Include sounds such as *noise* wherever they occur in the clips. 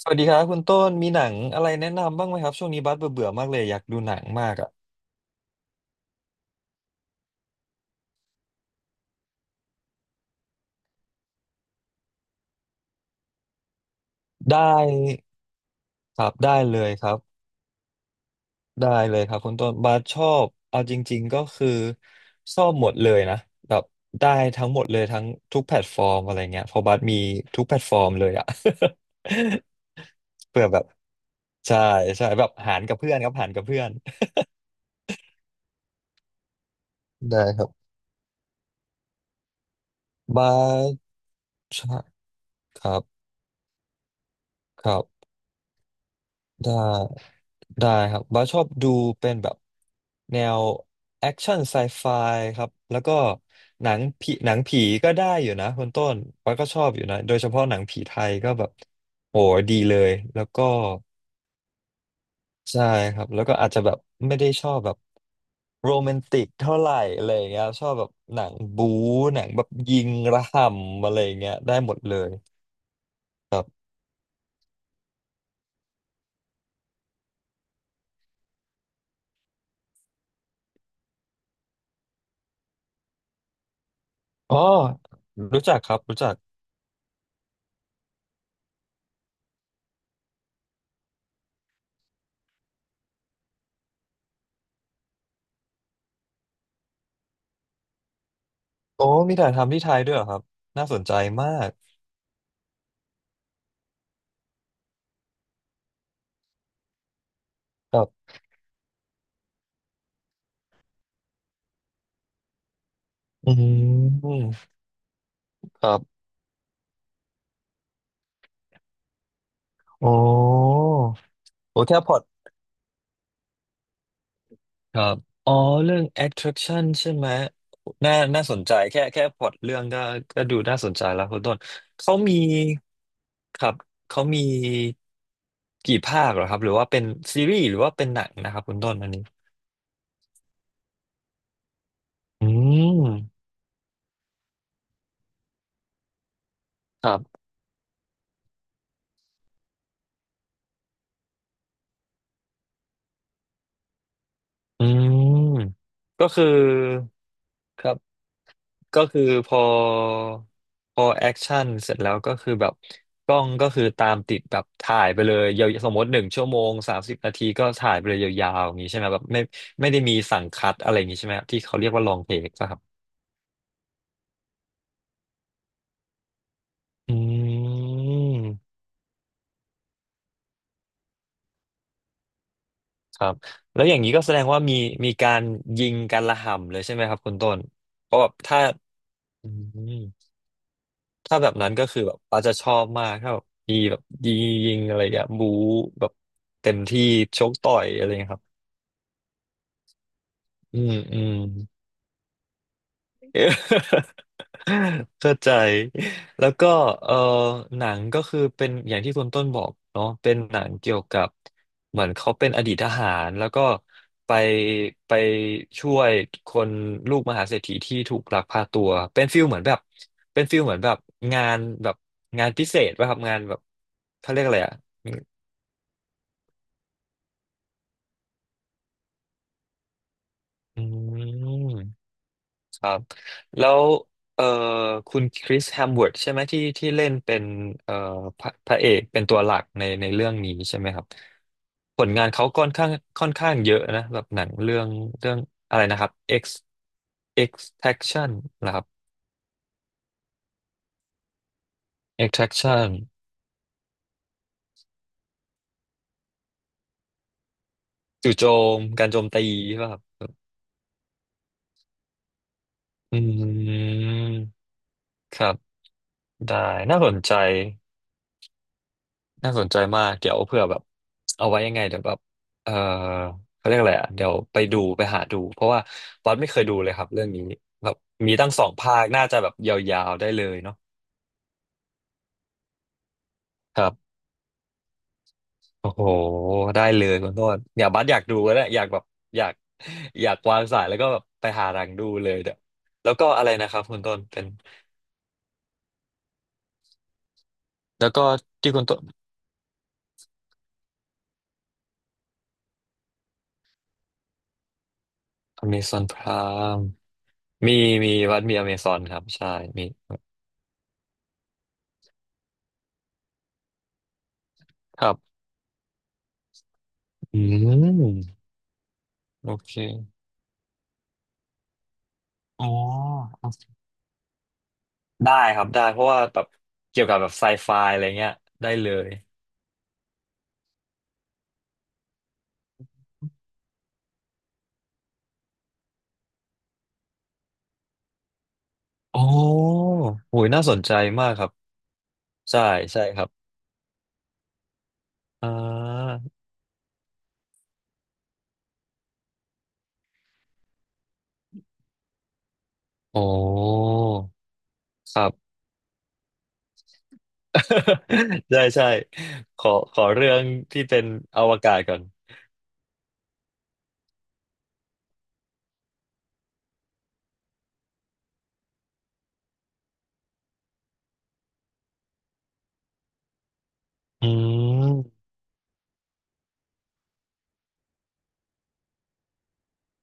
สวัสดีครับคุณต้นมีหนังอะไรแนะนำบ้างไหมครับช่วงนี้บัสเบื่อเบื่อมากเลยอยากดูหนังมากอ่ะได้ครับได้เลยครับได้เลยครับคุณต้นบัสชอบเอาจริงๆก็คือชอบหมดเลยนะแบบได้ทั้งหมดเลยทั้งทุกแพลตฟอร์มอะไรเงี้ยเพราะบัสมีทุกแพลตฟอร์มเลยอ่ะ *laughs* เพื่อแบบใช่ใช่แบบหารกับเพื่อนครับหารกับเพื่อนได้ครับบัสครบครับครับได้ ได้ครับบาสชอบดูเป็นแบบแนวแอคชั่นไซไฟครับแล้วก็หนังผีก็ได้อยู่นะคุณต้นบาสก็ชอบอยู่นะโดยเฉพาะหนังผีไทยก็แบบโหดีเลยแล้วก็ใช่ครับแล้วก็อาจจะแบบไม่ได้ชอบแบบโรแมนติกเท่าไหร่อะไรอย่างเงี้ยชอบแบบหนังบู๊หนังแบบยิงระห่ำอะไรอย่างเงี้ยได้หมดเลยอ๋อรู้จักครับรู้จักโอ้มีถ่ายทำที่ไทยด้วยเหรอครับน่าสนใจมาก อืมครับอ๋อโอ้แค่พล็อตครับอ๋อเรื่อง attraction ใช่ไหมน่าสนใจแค่พล็อตเรื่องก็ก็ดูน่าสนใจแล้วคุณต้นเขามีครับเขามีกี่ภาคเหรอครับหรือว่าเป็นซีรีส์หรือว่าเป็นหนังนะครับคุณต้นอันนี้อืมครับ อืมก็คือครับก็คือพอพอแอคชั่นเสร็จแล้วก็คือแบบกล้องก็คือตามติดแบบถ่ายไปเลยยาวสมมติ1 ชั่วโมง 30 นาทีก็ถ่ายไปเลยยาวๆอย่างนี้ใช่ไหมแบบไม่ไม่ได้มีสั่งคัดอะไรอย่างนี้ใช่ไหมครับที่เขาเรียกว่าลองเทคครับอืมครับแล้วอย่างนี้ก็แสดงว่ามีมีการยิงการระห่ำเลยใช่ไหมครับคุณต้นเพราะแบบถ้าอืม ถ้าแบบนั้นก็คือแบบป้าจะชอบมากถ้าแบบมีแบบยิงอะไรอย่างเงี้ยบู๊แบบเต็มที่ชกต่อยอะไรเงี้ยครับอืม *laughs* เออ *laughs* เข้าใจ แล้วก็เออหนังก็คือเป็นอย่างที่คุณต้นบอกเนาะเป็นหนังเกี่ยวกับเหมือนเขาเป็นอดีตทหารแล้วก็ไปไปช่วยคนลูกมหาเศรษฐีที่ถูกลักพาตัวเป็นฟิลเหมือนแบบเป็นฟิลเหมือนแบบงานแบบงานพิเศษป่ะครับงานแบบเขาเรียกอะไรอ่ะอืม ครับแล้วเอ่อคุณคริสแฮมเวิร์ดใช่ไหมที่เล่นเป็นเอ่อพระเอกเป็นตัวหลักในเรื่องนี้ใช่ไหมครับผลงานเขาค่อนข้างค่อนข้างเยอะนะแบบหนังเรื่องอะไรนะครับ X Extraction นะครับ Extraction จู่โจมการโจมตีใช่ป่ะครับอืมครับได้น่าสนใจ น่าสนใจมากเดี๋ยวเผื่อแบบเอาไว้ยังไงเดี๋ยวแบบ เออเขาเรียกอะไรอ่ะเดี๋ยวไปดูไปหาดูเพราะว่าวัดไม่เคยดูเลยครับเรื่องนี้แบบมีตั้ง2 ภาคน่าจะแบบยาวๆได้เลยเนาะครับโอ้โหได้เลยคุณโทษอย่าบัสอยากดูแล้วเนี่ยอยากแบบอยากอยากวางสายแล้วก็แบบไปหารังดูเลยเดี๋ยวแล้วก็อะไรนะครับคุณต้นเป็นแล้วก็ที่คุณต้น Amazon Prime มีมีวัดมี Amazon ครับใช่มีครับอืมโอเค อ๋อได้ครับได้เพราะว่าแบบเกี่ยวกับแบบไซไฟอะไรเงี้ยได้เลยโอ้โหยน่าสนใจมากครับใช่ใช่ครับอ่าโอ้ครับ *laughs* ใช่ใช่ขอเรื่องที่เป็นอวกาศก่อนอืม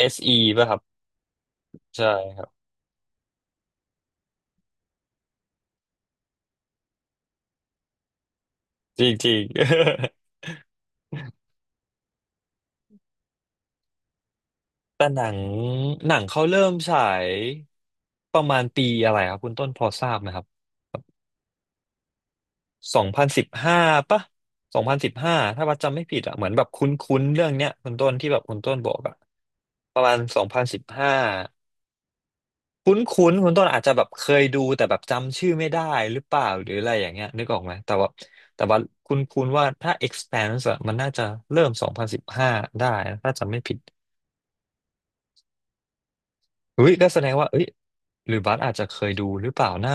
SE ป่ะครับใช่ครับจริงจริง *laughs* แต่หนังหนังเขาเริ่มฉายประมาณปีอะไรครับคุณต้นพอทราบไหมครับ สองพันสิบห้าปะสองพันสิบห้าถ้าว่าจำไม่ผิดอะเหมือนแบบคุ้นๆเรื่องเนี้ยคุณต้นที่แบบคุณต้นบอกอะประมาณสองพันสิบห้าคุ้นๆคุณต้นอาจจะแบบเคยดูแต่แบบจำชื่อไม่ได้หรือเปล่าหรืออะไรอย่างเงี้ยนึกออกไหมแต่ว่าคุ้นๆว่าถ้า expanse อะมันน่าจะเริ่มสองพันสิบห้าได้นะถ้าจำไม่ผิด อุ้ยก็แสดงว่าเอ้ยหรือบัสอาจจะเคยดูหรือเปล่านะ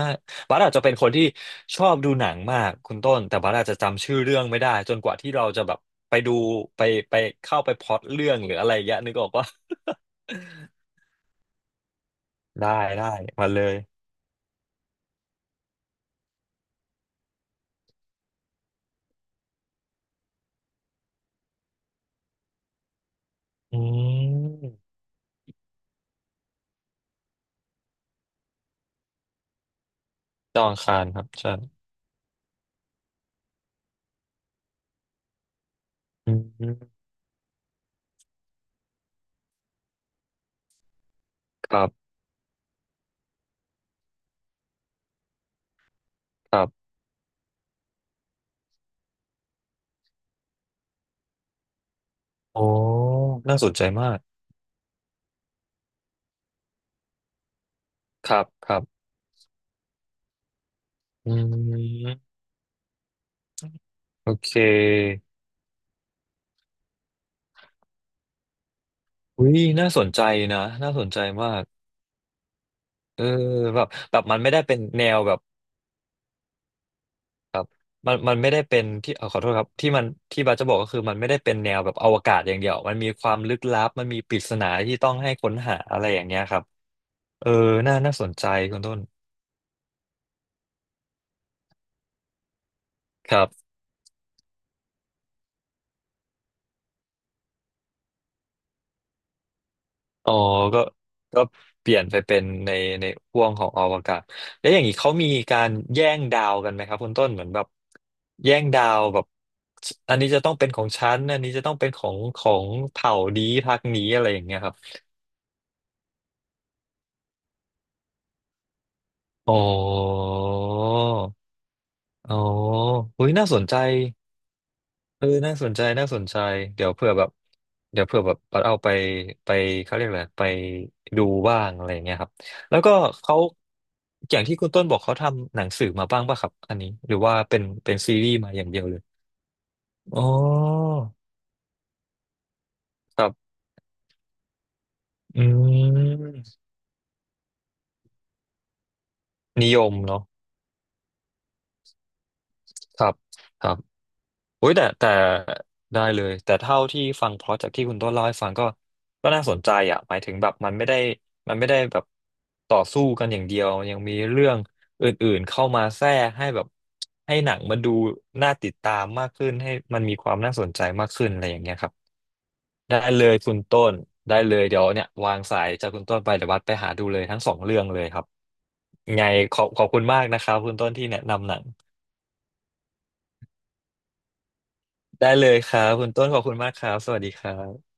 บัสอาจจะเป็นคนที่ชอบดูหนังมากคุณต้นแต่บัสอาจจะจำชื่อเรื่องไม่ได้จนกว่าที่เราจะแบบไปดูไปไปเข้าไปพล็อตเรื่องหรืออะไรอย่างเงี้ยนึกออกปะ *laughs* ได้ได้มาเลยอืมดองคารครับใช่อืมครับครับโอ้น่าสนใจมากครับครับอืมโอเคอุ้ยน่าสนใจนะน่าสนใจมาก เออแบบมันไม่ได้เป็นแนวแบบมันไม่ได้เป็นที่ขอโทษครับที่มันที่บาสจะบอกก็คือมันไม่ได้เป็นแนวแบบอวกาศอย่างเดียวมันมีความลึกลับมันมีปริศนาที่ต้องให้ค้นหาอะไรอย่างเงี้ยครับเออน่าสนใจคุณต้นครับอ๋อก็ก็เปลี่ยนไปเป็นในในห่วงของอวกาศแล้วอย่างนี้เขามีการแย่งดาวกันไหมครับคุณต้นเหมือนแบบแย่งดาวแบบอันนี้จะต้องเป็นของฉันอันนี้จะต้องเป็นของเผ่านี้พรรคนี้อะไรอย่างเงี้ยครับ อ๋ออ๋ออุ้ยน่าสนใจเออน่าสนใจ น่าสนใจ เดี๋ยวเผื่อแบบเดี๋ยวเผื่อแบบเอาไปไปเขาเรียกอะไรไปดูบ้างอะไรอย่างเงี้ยครับ แล้วก็เขาอย่างที่คุณต้นบอกเขาทำหนังสือมาบ้างป่ะครับ อันนี้ หรือว่าเป็นซีรีส์มาอย่างเดียวเลยอ๋อครับอืมนิยมเนาะครับครับ โอ้ยแต่ได้เลยแต่เท่าที่ฟังเพราะจากที่คุณต้นเล่าให้ฟังก็น่าสนใจอ่ะหมายถึงแบบมันไม่ได้มันไม่ได้แบบต่อสู้กันอย่างเดียวยังมีเรื่องอื่นๆเข้ามาแทรกให้แบบให้หนังมันดูน่าติดตามมากขึ้นให้มันมีความน่าสนใจมากขึ้นอะไรอย่างเงี้ยครับได้เลยคุณต้นได้เลยเดี๋ยวเนี่ยวางสายจากคุณต้นไปเดี๋ยววัดไปหาดูเลยทั้งสองเรื่องเลยครับไงขอบคุณมากนะครับคุณต้นที่แนะนำหนังได้เลยครับคุณต้นขอบคุณมากครับสวัสดีครับ